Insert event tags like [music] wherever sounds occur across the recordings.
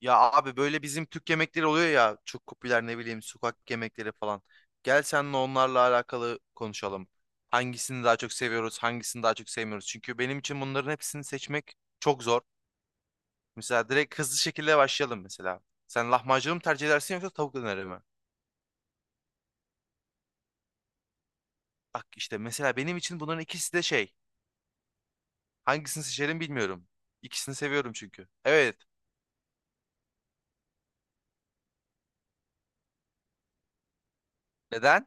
Ya abi böyle bizim Türk yemekleri oluyor ya, çok popüler, ne bileyim, sokak yemekleri falan. Gel seninle onlarla alakalı konuşalım. Hangisini daha çok seviyoruz, hangisini daha çok sevmiyoruz? Çünkü benim için bunların hepsini seçmek çok zor. Mesela direkt hızlı şekilde başlayalım mesela. Sen lahmacunu mu tercih edersin yoksa tavuk döneri mi? Bak işte mesela benim için bunların ikisi de şey. Hangisini seçerim bilmiyorum. İkisini seviyorum çünkü. Evet. Neden?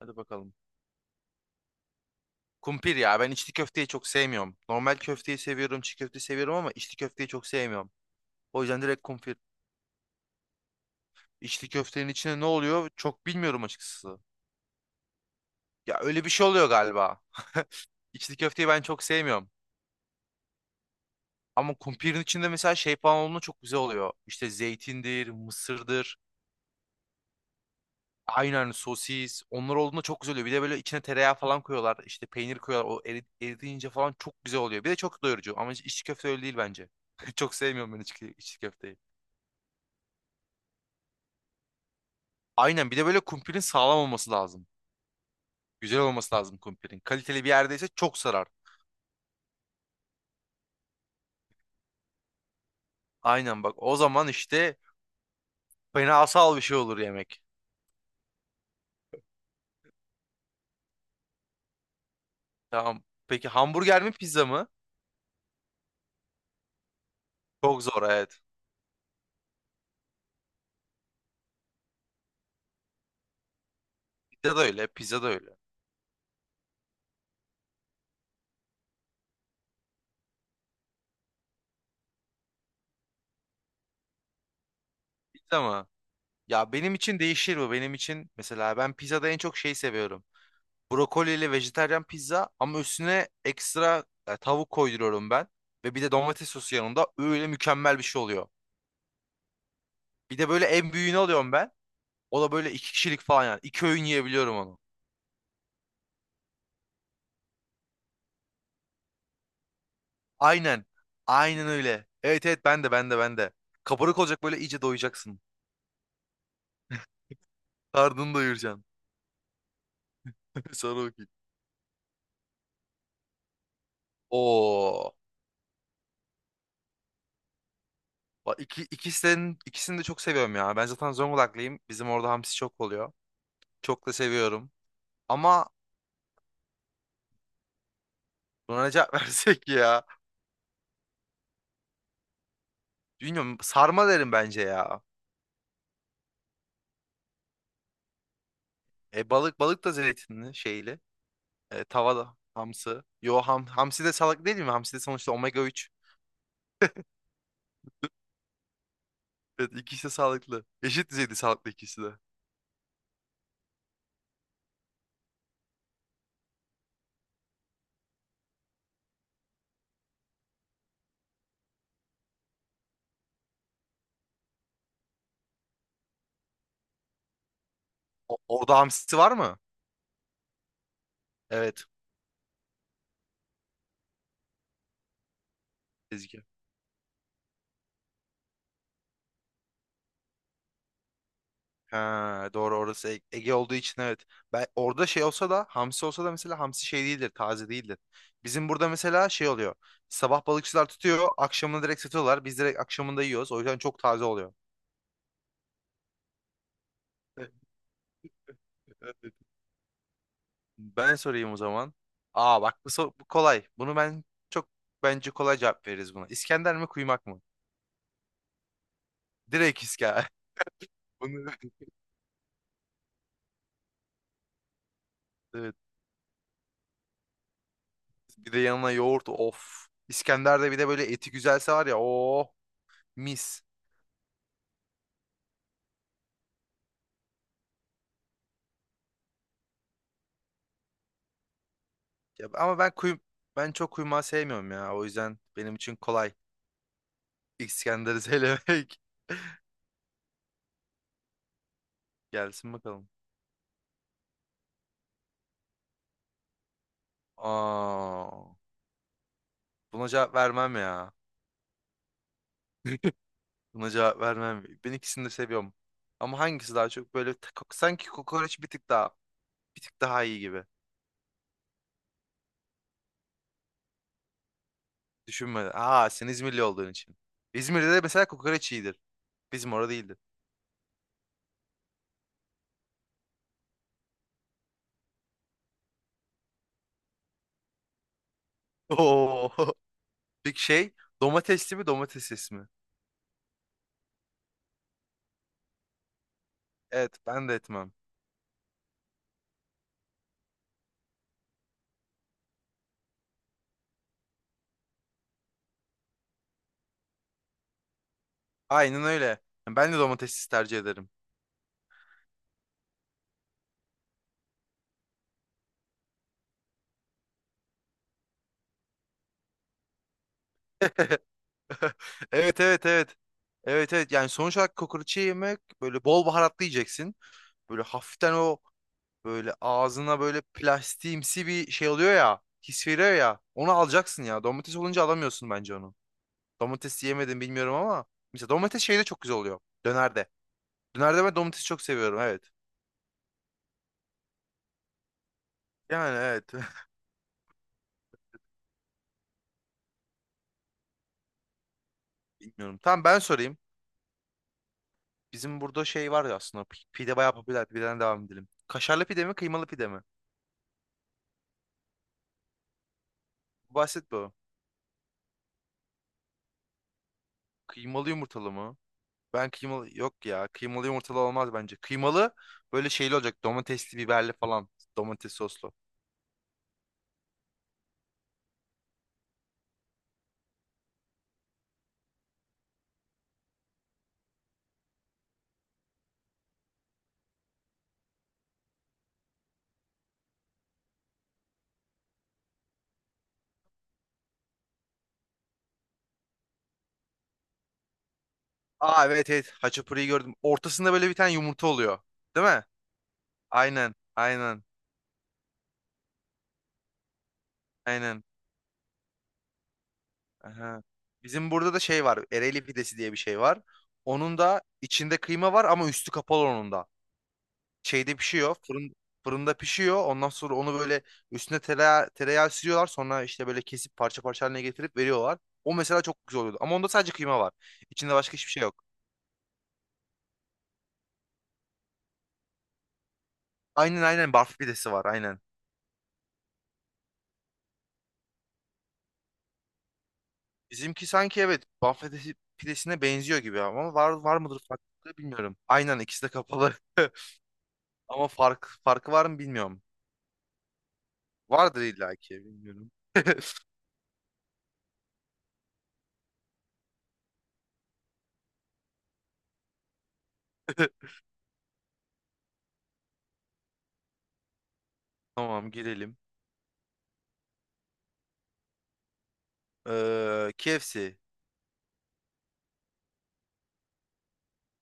Hadi bakalım. Kumpir ya, ben içli köfteyi çok sevmiyorum. Normal köfteyi seviyorum, çiğ köfteyi seviyorum ama içli köfteyi çok sevmiyorum. O yüzden direkt kumpir. İçli köftenin içine ne oluyor çok bilmiyorum açıkçası. Ya öyle bir şey oluyor galiba. [laughs] İçli köfteyi ben çok sevmiyorum. Ama kumpirin içinde mesela şey falan olduğunda çok güzel oluyor. İşte zeytindir, mısırdır, aynen sosis. Onlar olduğunda çok güzel oluyor. Bir de böyle içine tereyağı falan koyuyorlar. İşte peynir koyuyorlar. O eriyince falan çok güzel oluyor. Bir de çok doyurucu. Ama içli köfte öyle değil bence. [laughs] Çok sevmiyorum ben içli köfteyi. Aynen, bir de böyle kumpirin sağlam olması lazım. Güzel olması lazım kumpirin. Kaliteli bir yerdeyse çok sarar. Aynen, bak o zaman işte fenasal bir şey olur yemek. Tamam. Peki hamburger mi pizza mı? Çok zor, evet. Pizza da öyle. Pizza mı? Ya benim için değişir bu. Benim için mesela ben pizzada en çok şey seviyorum. Brokoliyle vejetaryen pizza, ama üstüne ekstra tavuk koyduruyorum ben. Ve bir de domates sosu yanında, öyle mükemmel bir şey oluyor. Bir de böyle en büyüğünü alıyorum ben. O da böyle iki kişilik falan yani. İki öğün yiyebiliyorum onu. Aynen. Aynen öyle. Evet evet, ben de. Kabarık olacak, böyle iyice doyacaksın. Karnını doyuracaksın. [laughs] Sonra bakayım. Oo. Bak ikisini de çok seviyorum ya. Ben zaten Zonguldaklıyım. Bizim orada hamsi çok oluyor. Çok da seviyorum. Ama buna ne cevap [laughs] versek ya? Bilmiyorum. Sarma derim bence ya. E, balık, balık da zeytinli şeyli. E, tavada hamsi. Hamsi de salak değil mi? Hamsi de sonuçta omega 3. Evet, ikisi de sağlıklı. Eşit düzeyde sağlıklı ikisi de. Orada hamsi var mı? Evet. Ezgi. Ha, doğru, orası Ege olduğu için evet. Ben orada şey olsa da, hamsi olsa da, mesela hamsi şey değildir, taze değildir. Bizim burada mesela şey oluyor. Sabah balıkçılar tutuyor, akşamını direkt satıyorlar. Biz direkt akşamında yiyoruz. O yüzden çok taze oluyor. Evet. Ben sorayım o zaman. Aa bak bu, bu kolay. Bunu ben çok, bence kolay cevap veririz buna. İskender mi kuymak mı? Direkt İskender. [laughs] Bunu [laughs] Bir de yanına yoğurt, of. İskender'de bir de böyle eti güzelse, var ya, o mis. Ya, ama ben çok kuymağı sevmiyorum ya. O yüzden benim için kolay. İskender'i [laughs] söylemek. Gelsin bakalım. Aa, buna cevap vermem ya. Buna cevap vermem. Ben ikisini de seviyorum. Ama hangisi daha çok böyle sanki kokoreç bir tık daha, bir tık daha iyi gibi. Düşünmeden. Aa, sen İzmirli olduğun için. İzmir'de de mesela kokoreç iyidir. Bizim orada değildi. Oo. [laughs] Peki şey, domatesli mi domatessiz mi? Evet, ben de etmem. Aynen öyle. Yani ben de domatessiz tercih ederim. [laughs] Evet. Evet, yani sonuç olarak kokoreçi yemek böyle bol baharatlı yiyeceksin. Böyle hafiften o, böyle ağzına böyle plastiğimsi bir şey oluyor ya. His veriyor ya. Onu alacaksın ya. Domates olunca alamıyorsun bence onu. Domates yemedim bilmiyorum ama. Mesela domates şeyde çok güzel oluyor. Dönerde. Dönerde ben domatesi çok seviyorum evet. Yani evet. [laughs] Bilmiyorum. Tamam, ben sorayım. Bizim burada şey var ya aslında. Pide bayağı popüler. Pideden devam edelim. Kaşarlı pide mi, kıymalı pide mi? Bu basit bu. Kıymalı yumurtalı mı? Ben kıymalı... Yok ya. Kıymalı yumurtalı olmaz bence. Kıymalı böyle şeyli olacak. Domatesli, biberli falan. Domates soslu. Aa evet evet. Haçapuri'yi gördüm. Ortasında böyle bir tane yumurta oluyor. Değil mi? Aynen. Aynen. Aynen. Aha. Bizim burada da şey var. Ereğli pidesi diye bir şey var. Onun da içinde kıyma var ama üstü kapalı onun da. Şeyde pişiyor. Fırında pişiyor. Ondan sonra onu böyle üstüne tereyağı sürüyorlar. Sonra işte böyle kesip parça parça haline getirip veriyorlar. O mesela çok güzel oluyordu. Ama onda sadece kıyma var. İçinde başka hiçbir şey yok. Aynen, barf pidesi var aynen. Bizimki sanki, evet, barf pidesi, pidesine benziyor gibi ama var mıdır farklı bilmiyorum. Aynen, ikisi de kapalı. [laughs] Ama farkı var mı bilmiyorum. Vardır illaki, bilmiyorum. [laughs] Tamam, girelim. KFC.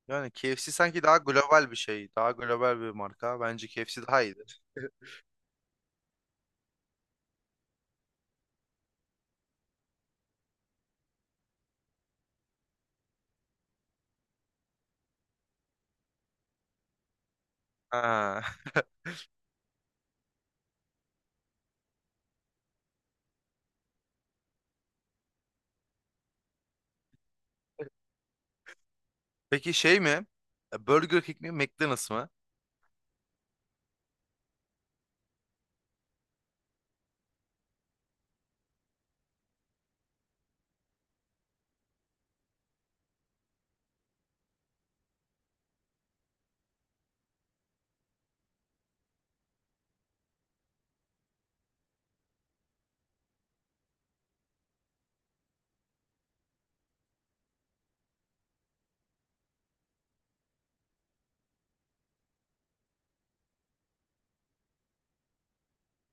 Yani KFC sanki daha global bir şey. Daha global bir marka. Bence KFC daha iyidir. Ha. [laughs] Peki şey mi? E, Burger King mi? McDonald's mı?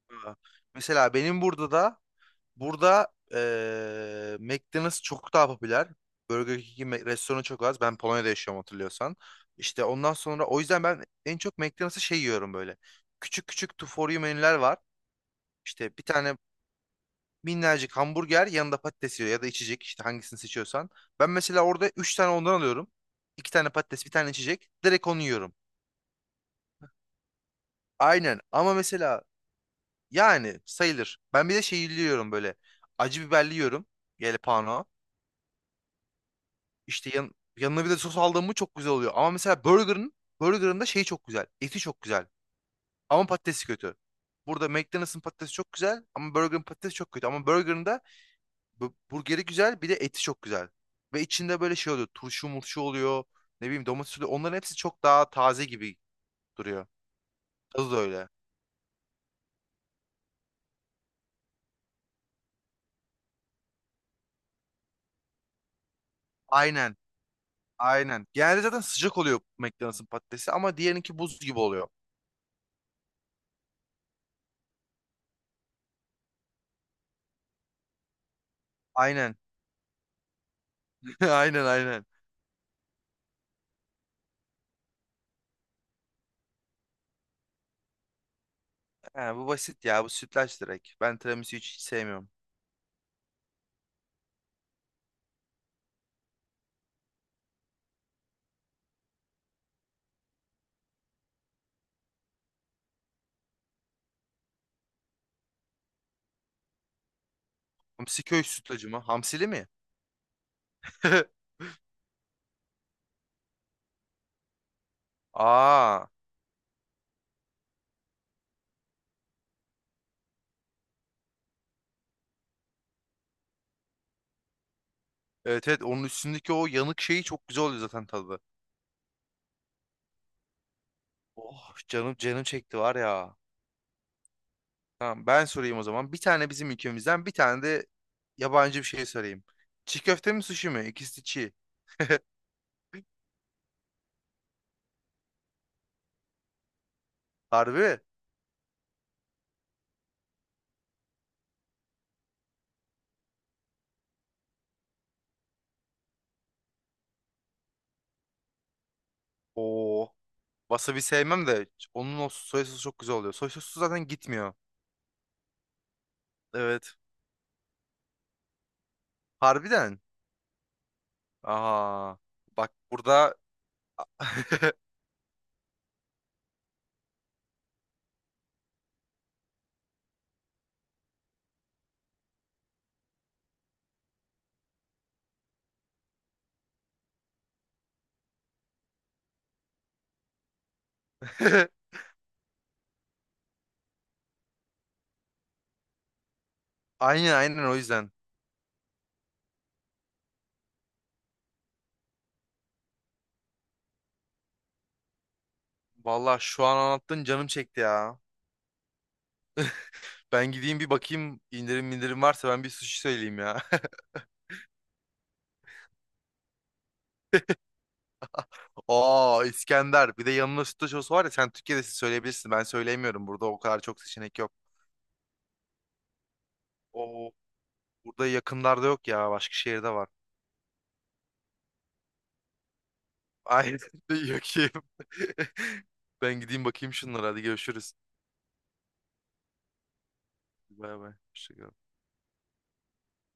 Ha. Mesela benim burada McDonald's çok daha popüler. Burger King'in restoranı çok az. Ben Polonya'da yaşıyorum, hatırlıyorsan. İşte ondan sonra, o yüzden ben en çok McDonald's'ı şey yiyorum böyle. Küçük küçük to for you menüler var. İşte bir tane minnacık hamburger, yanında patates yiyor ya da içecek, işte hangisini seçiyorsan. Ben mesela orada 3 tane ondan alıyorum. İki tane patates, bir tane içecek. Direkt onu yiyorum. Aynen, ama mesela yani sayılır. Ben bir de şey yiyorum böyle. Acı biberli yiyorum. Yelpano. İşte yanına bir de sos aldığım mı çok güzel oluyor. Ama mesela burgerın da şeyi çok güzel. Eti çok güzel. Ama patatesi kötü. Burada McDonald's'ın patatesi çok güzel ama burgerın patatesi çok kötü. Ama burgerın da burgeri güzel, bir de eti çok güzel. Ve içinde böyle şey oluyor. Turşu murşu oluyor. Ne bileyim, domates oluyor. Onların hepsi çok daha taze gibi duruyor. Tadı da öyle. Aynen. Aynen. Genelde zaten sıcak oluyor McDonald's'ın patatesi, ama diğerinki buz gibi oluyor. Aynen. [laughs] Aynen. He, bu basit ya. Bu sütlaç direkt. Ben tiramisu hiç sevmiyorum. Hamsi köy sütlacı mı? Hamsili mi? [laughs] Aa. Evet evet, onun üstündeki o yanık şeyi çok güzel oluyor zaten tadı. Oh, canım canım çekti var ya. Tamam, ben sorayım o zaman. Bir tane bizim ülkemizden, bir tane de yabancı bir şey sorayım. Çiğ köfte mi sushi mi? İkisi de çiğ. [laughs] Harbi. Oo. Wasabi sevmem de, onun o soya sosu çok güzel oluyor. Soya sosu zaten gitmiyor. Evet. Harbiden. Aha. Bak burada [laughs] aynen o yüzden. Vallahi şu an anlattın canım çekti ya. Ben gideyim bir bakayım, indirim varsa ben bir sushi söyleyeyim ya. [laughs] Aa, İskender. Bir de yanına sütlaç sosu var ya, sen Türkiye'de siz söyleyebilirsin. Ben söyleyemiyorum. Burada o kadar çok seçenek yok. Oo, burada yakınlarda yok ya. Başka şehirde var. Ay [laughs] yok ki. [laughs] Ben gideyim bakayım şunlara. Hadi görüşürüz. Bay bay. Hoşça kal.